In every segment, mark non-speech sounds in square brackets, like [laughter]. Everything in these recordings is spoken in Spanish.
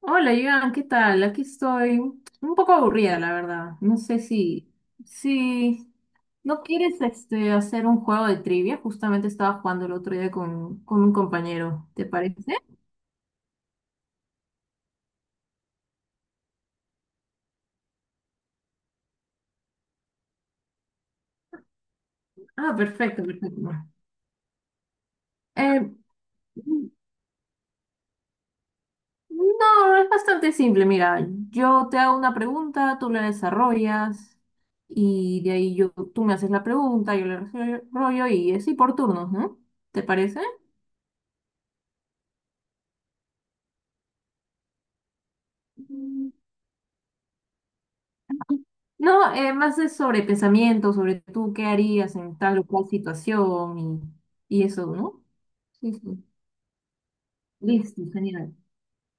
Hola, Iván, ¿qué tal? Aquí estoy un poco aburrida, la verdad. No sé si no quieres este, hacer un juego de trivia. Justamente estaba jugando el otro día con un compañero. ¿Te parece? Ah, perfecto, perfecto. Eh, no, es bastante simple. Mira, yo te hago una pregunta, tú la desarrollas, y de ahí yo, tú me haces la pregunta, yo la desarrollo y así por turnos, ¿no? ¿Te parece? No, más es sobre pensamiento, sobre tú qué harías en tal o cual situación y eso, ¿no? Sí, sí. Listo, genial.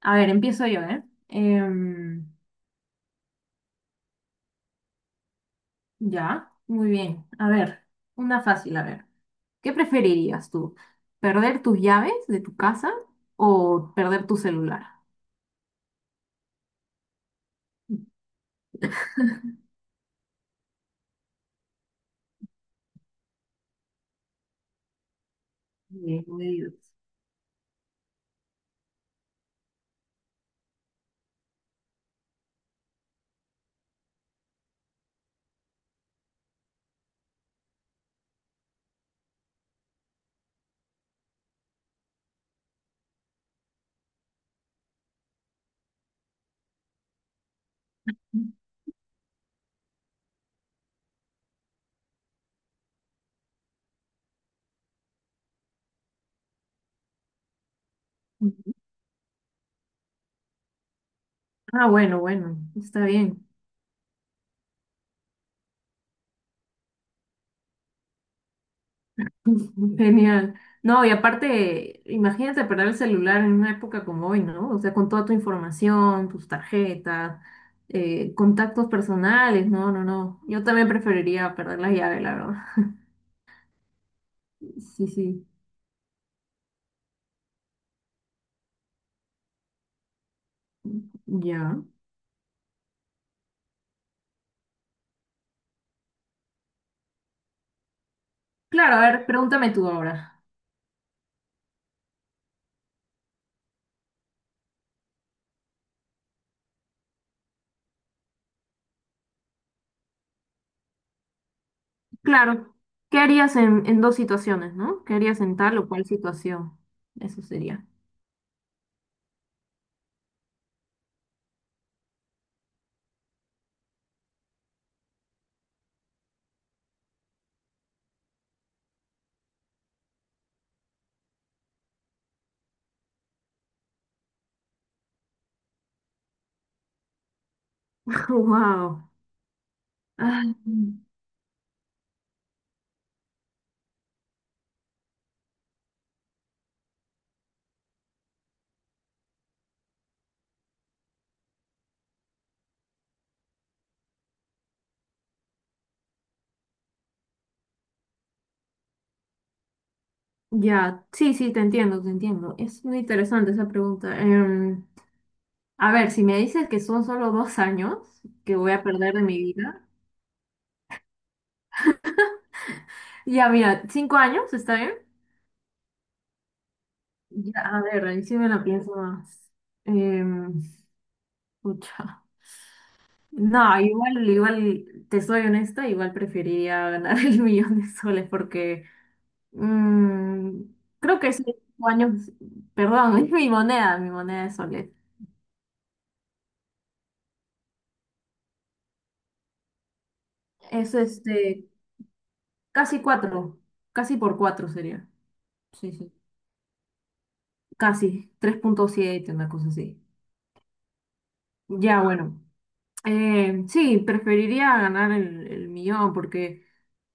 A ver, empiezo yo, ¿eh? Em, ya, muy bien. A ver, una fácil, a ver. ¿Qué preferirías tú? ¿Perder tus llaves de tu casa o perder tu celular? Bien, muy bien. Ah, bueno, bueno, está bien. [laughs] Genial. No, y aparte, imagínate perder el celular en una época como hoy, ¿no? O sea, con toda tu información, tus tarjetas, contactos personales, no, no, no. Yo también preferiría perder las llaves, la verdad. Sí, sí, ya. Claro, a ver, pregúntame tú ahora. Claro, ¿qué harías en, dos situaciones, ¿no? ¿Qué harías en tal o cual situación? Eso sería. [laughs] Wow. Ya, sí, sí, te entiendo, te entiendo. Es muy interesante esa pregunta. A ver, si me dices que son solo 2 años que voy a perder de mi vida. Ya, mira, 5 años, ¿está bien? Ya, a ver, ahí sí me la pienso más. Em, pucha. No, igual, igual, te soy honesta, igual preferiría ganar el [laughs] millón de soles porque mm, creo que sí, 5 años, perdón, [laughs] es mi moneda de soles. Es este, casi cuatro, casi por cuatro sería. Sí, sí. Casi, 3.7 una cosa así. Ya, bueno. Sí, preferiría ganar el millón porque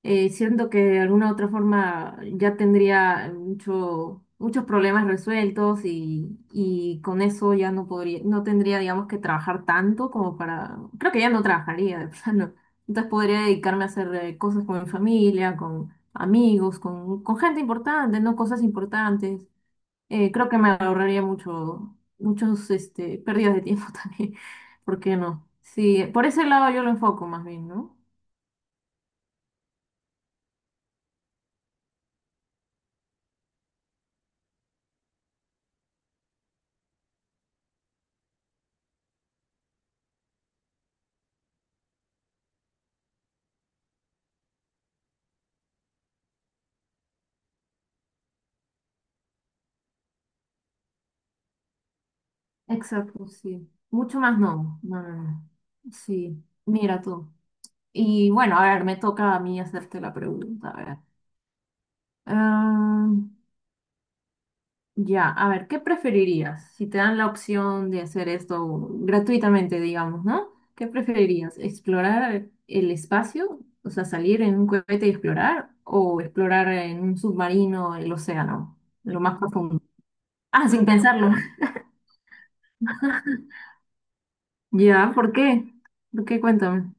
siento que de alguna otra forma ya tendría mucho, muchos problemas resueltos y con eso ya no podría, no tendría, digamos, que trabajar tanto como para, creo que ya no trabajaría de [laughs] plano. Entonces podría dedicarme a hacer cosas con mi familia, con amigos, con gente importante, no cosas importantes. Creo que me ahorraría mucho, muchos, este, pérdidas de tiempo [laughs] también. ¿Por qué no? Sí, por ese lado yo lo enfoco más bien, ¿no? Exacto, sí. Mucho más no. No, no, no. Sí, mira tú. Y bueno, a ver, me toca a mí hacerte la pregunta. A ver. Ah, Ya, a ver, ¿qué preferirías? Si te dan la opción de hacer esto gratuitamente, digamos, ¿no? ¿Qué preferirías? ¿Explorar el espacio? O sea, salir en un cohete y explorar, o explorar en un submarino el océano, lo más profundo. Ah, sin pensarlo. [laughs] Ya, ¿por qué? ¿Por qué? Cuéntame.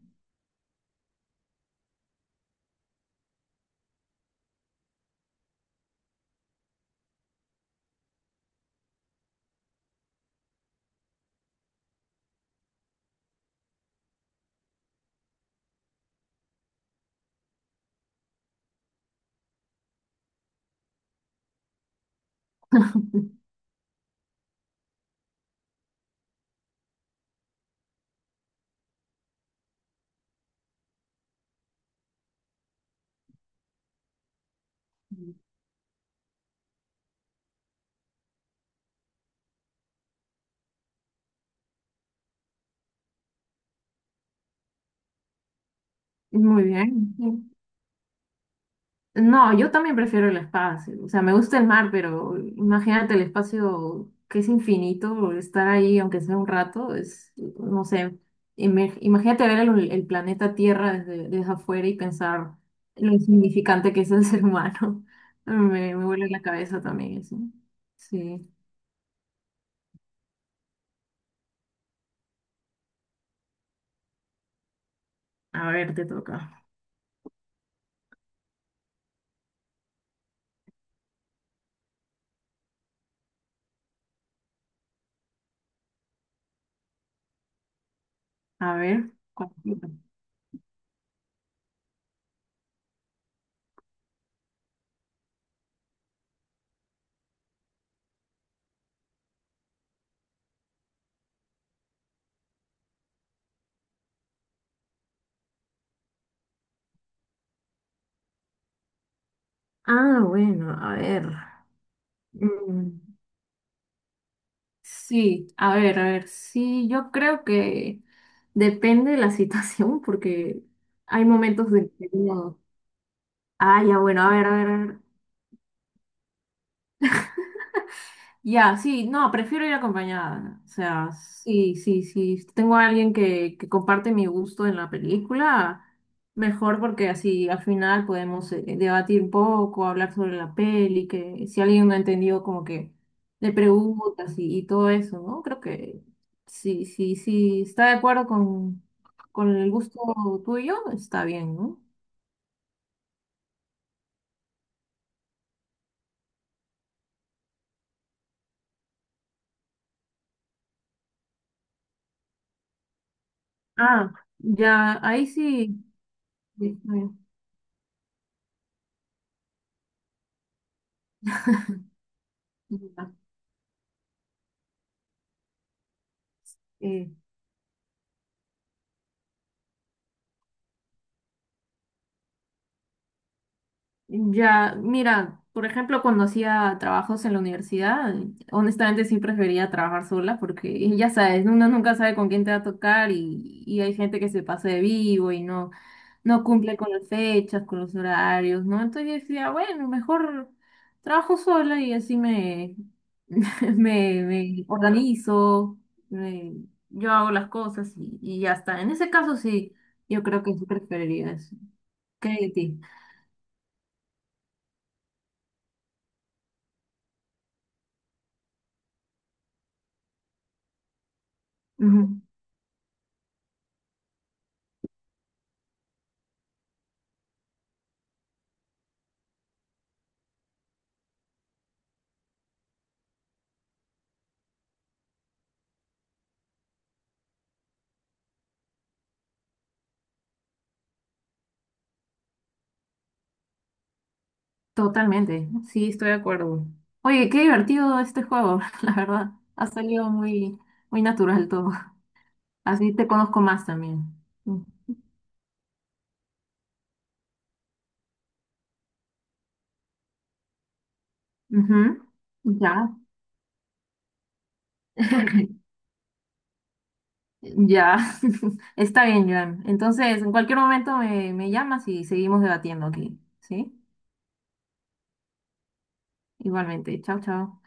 Muy bien. No, yo también prefiero el espacio. O sea, me gusta el mar, pero imagínate el espacio que es infinito, estar ahí aunque sea un rato, es, no sé, imagínate ver el planeta Tierra desde, desde afuera y pensar lo insignificante que es el ser humano. [laughs] Me vuelve la cabeza también eso. Sí. A ver, te toca. A ver. ¿Cuál te toca? Ah, bueno, a ver. Mm. Sí, a ver, sí, yo creo que depende de la [laughs] situación porque hay momentos de que uno, ah, ya, bueno, a ver, a ver, a ver. Ya, sí, no, prefiero ir acompañada. O sea, sí, sí, sí. Si tengo a alguien que comparte mi gusto en la película, mejor porque así al final podemos debatir un poco, hablar sobre la peli, que si alguien no ha entendido, como que le preguntas y todo eso, ¿no? Creo que sí, sí, sí, está de acuerdo con, el gusto tuyo, está bien, ¿no? Ah, ya, ahí sí. Sí, está bien. Ya, eh, ya, mira, por ejemplo, cuando hacía trabajos en la universidad, honestamente sí prefería trabajar sola porque ya sabes, uno nunca sabe con quién te va a tocar y hay gente que se pasa de vivo y no, no cumple con las fechas, con los horarios, ¿no? Entonces yo decía, bueno, mejor trabajo sola y así me [laughs] me organizo, me- yo hago las cosas y ya está. En ese caso sí, yo creo que sí preferiría eso. ¿Qué hay de ti? Ujú. Totalmente, sí, estoy de acuerdo. Oye, qué divertido este juego, [laughs] la verdad. Ha salido muy, muy natural todo. Así te conozco más también. Mm. Ujú, ya, [laughs] ya. [laughs] Está bien, Joan. Entonces, en cualquier momento me llamas y seguimos debatiendo aquí, ¿sí? Igualmente. Chao, chao.